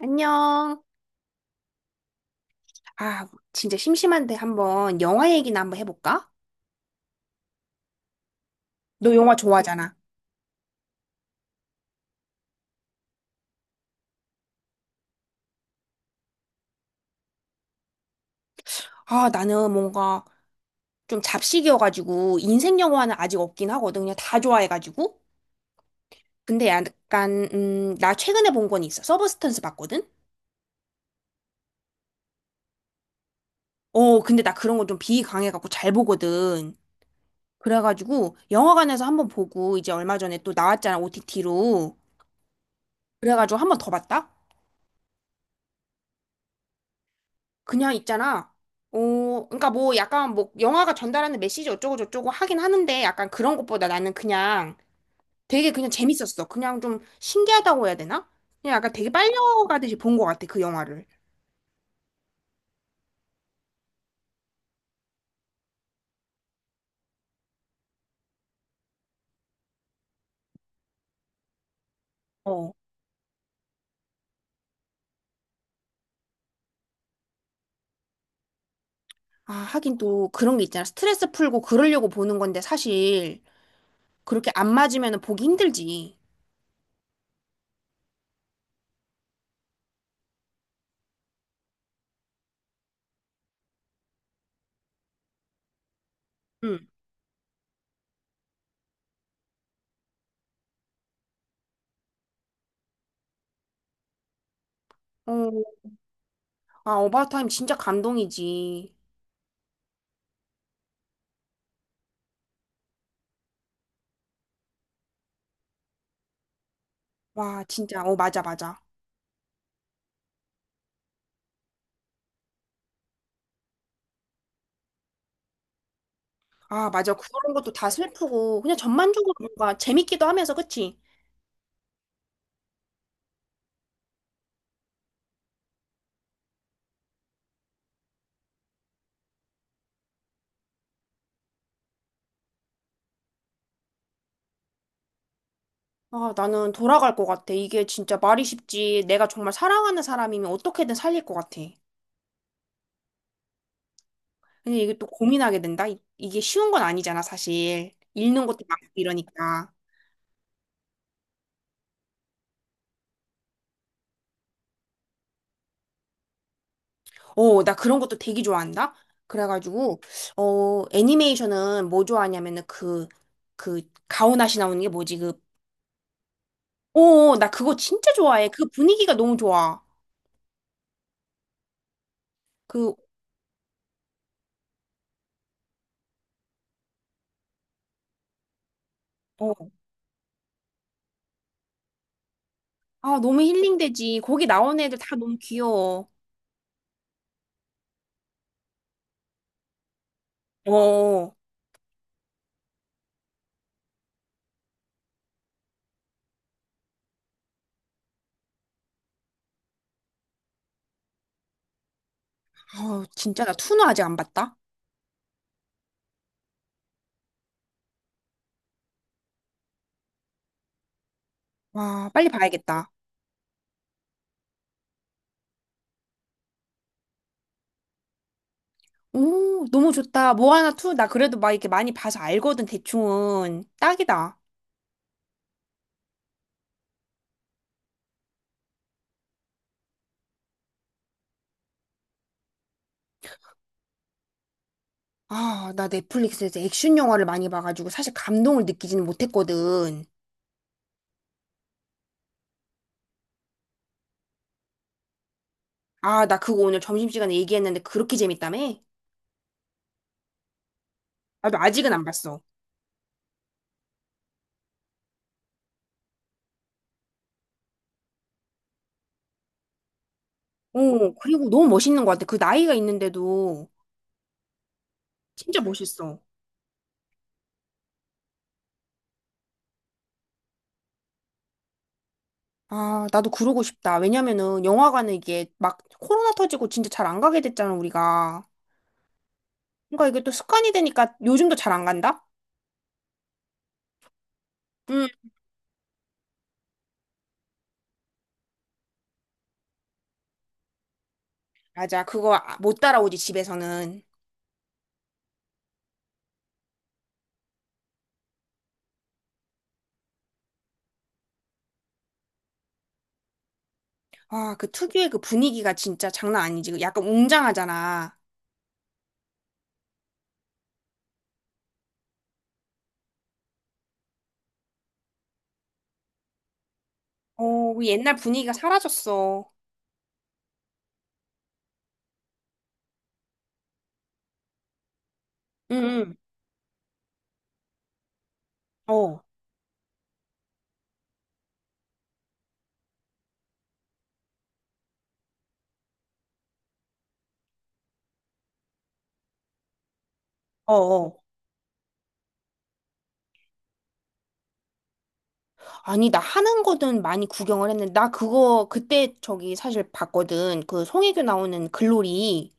안녕. 아, 진짜 심심한데 한번 영화 얘기나 한번 해볼까? 너 영화 좋아하잖아. 아, 나는 뭔가 좀 잡식이어가지고 인생 영화는 아직 없긴 하거든. 그냥 다 좋아해가지고. 근데 약간 나 최근에 본 건 있어. 서브스턴스 봤거든? 어, 근데 나 그런 거 좀 비강해갖고 잘 보거든. 그래가지고 영화관에서 한번 보고 이제 얼마 전에 또 나왔잖아, OTT로. 그래가지고 한번 더 봤다? 그냥 있잖아. 어, 그러니까 뭐 약간 뭐 영화가 전달하는 메시지 어쩌고 저쩌고 하긴 하는데 약간 그런 것보다 나는 그냥 되게 그냥 재밌었어. 그냥 좀 신기하다고 해야 되나? 그냥 약간 되게 빨려가듯이 본 것 같아, 그 영화를. 어. 아, 하긴 또 그런 게 있잖아. 스트레스 풀고 그러려고 보는 건데 사실 그렇게 안 맞으면 보기 힘들지. 응. 어, 아, 어바웃타임 진짜 감동이지. 와, 진짜. 어, 맞아, 맞아. 아, 맞아. 그런 것도 다 슬프고 그냥 전반적으로 뭔가 재밌기도 하면서 그치? 아, 나는 돌아갈 것 같아. 이게 진짜 말이 쉽지. 내가 정말 사랑하는 사람이면 어떻게든 살릴 것 같아. 근데 이게 또 고민하게 된다. 이게 쉬운 건 아니잖아, 사실. 읽는 것도 많고 이러니까. 어, 나 그런 것도 되게 좋아한다. 그래가지고, 어, 애니메이션은 뭐 좋아하냐면은 그, 가오나시 나오는 게 뭐지? 그, 어, 나 그거 진짜 좋아해. 그 분위기가 너무 좋아. 그, 어, 아, 너무 힐링되지. 거기 나오는 애들 다 너무 귀여워. 어, 어. 아, 진짜 나 투는 아직 안 봤다. 와, 빨리 봐야겠다. 오, 너무 좋다. 모아나 투 나 그래도 막 이렇게 많이 봐서 알거든, 대충은. 딱이다. 아, 나 넷플릭스에서 액션 영화를 많이 봐가지고 사실 감동을 느끼지는 못했거든. 아, 나 그거 오늘 점심시간에 얘기했는데 그렇게 재밌다며? 나도 아직은 안 봤어. 오, 그리고 너무 멋있는 것 같아. 그 나이가 있는데도 진짜 멋있어. 아, 나도 그러고 싶다. 왜냐면은 영화관은 이게 막 코로나 터지고 진짜 잘 안 가게 됐잖아, 우리가. 그러니까 이게 또 습관이 되니까 요즘도 잘 안 간다? 응. 맞아. 못 따라오지, 집에서는. 아, 그 특유의 그 분위기가 진짜 장난 아니지. 그 약간 웅장하잖아. 어, 그 옛날 분위기가 사라졌어. 응, 응. 어, 어, 어. 아니, 나 하는 거는 많이 구경을 했는데, 나 그거 그때 저기 사실 봤거든. 그 송혜교 나오는 글로리.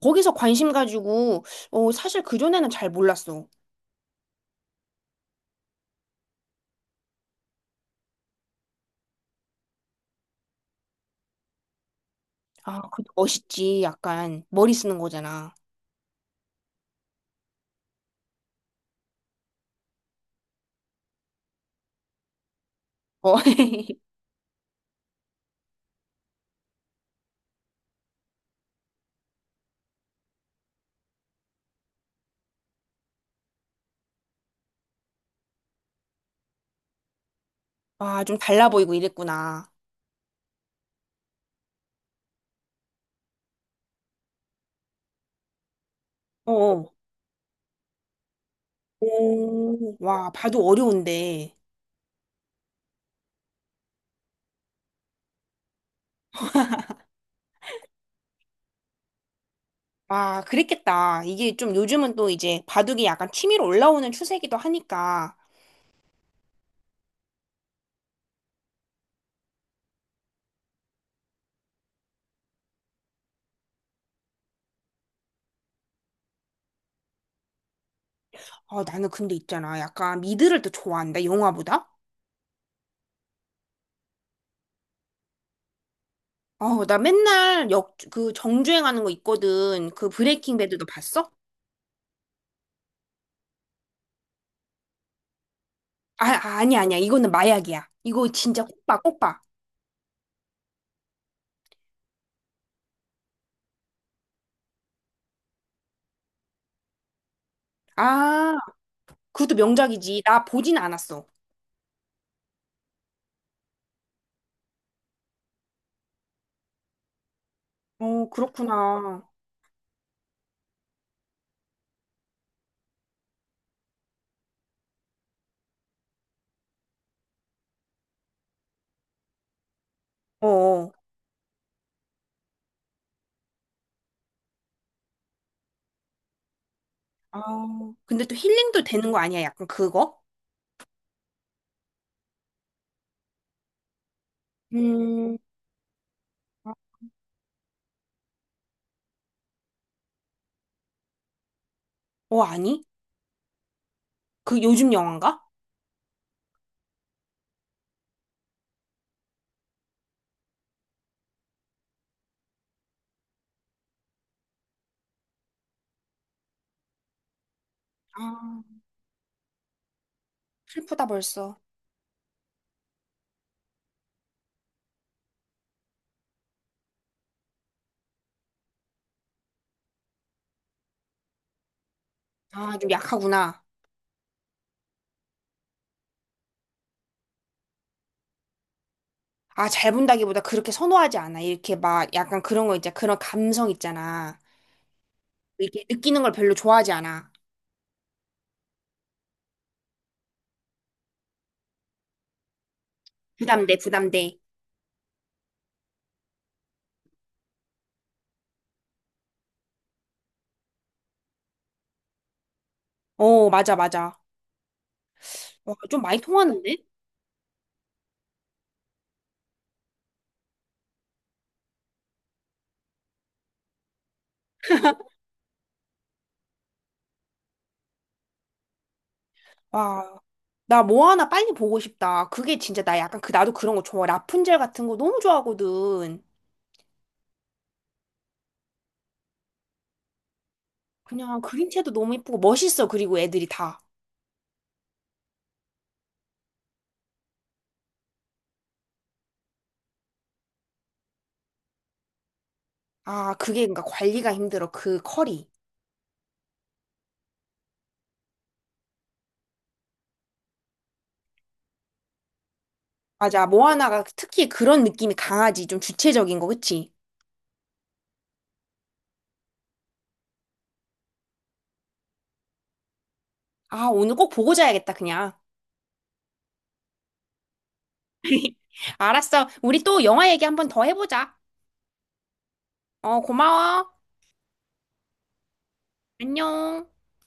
거기서 관심 가지고, 어, 사실 그전에는 잘 몰랐어. 아, 그 멋있지. 약간 머리 쓰는 거잖아. 어. 아, 좀 달라 보이고 이랬구나. 어. 어. 오, 와, 바둑 어려운데. 아, 그랬겠다. 이게 좀 요즘은 또 이제 바둑이 약간 취미로 올라오는 추세기도 하니까. 아, 나는 근데 있잖아. 약간 미드를 또 좋아한다, 영화보다? 아, 나 맨날 역, 그 정주행하는 거 있거든. 그 브레이킹 배드도 봤어? 아니야, 아니야. 이거는 마약이야. 이거 진짜 꼭 봐, 꼭 봐. 아, 그것도 명작이지. 나 보진 않았어. 어, 그렇구나. 어, 어. 아, 근데 또 힐링도 되는 거 아니야? 약간 그거? 음. 아. 어, 아니? 그 요즘 영화인가? 아, 슬프다 벌써. 아, 좀 약하구나. 아, 잘 본다기보다 그렇게 선호하지 않아. 이렇게 막 약간 그런 거 있잖아. 그런 감성 있잖아. 이렇게 느끼는 걸 별로 좋아하지 않아. 부담돼, 부담돼. 어, 맞아, 맞아. 와, 좀 많이 통하는데? 와, 나 뭐 하나 빨리 보고 싶다. 그게 진짜 나 약간 그, 나도 그런 거 좋아. 라푼젤 같은 거 너무 좋아하거든. 그냥 그림체도 너무 예쁘고 멋있어. 그리고 애들이 다. 아, 그게 그러니까 관리가 힘들어. 그 컬이. 맞아. 모아나가 특히 그런 느낌이 강하지. 좀 주체적인 거, 그치? 아, 오늘 꼭 보고 자야겠다, 그냥. 알았어. 우리 또 영화 얘기 한번 더 해보자. 어, 고마워. 안녕.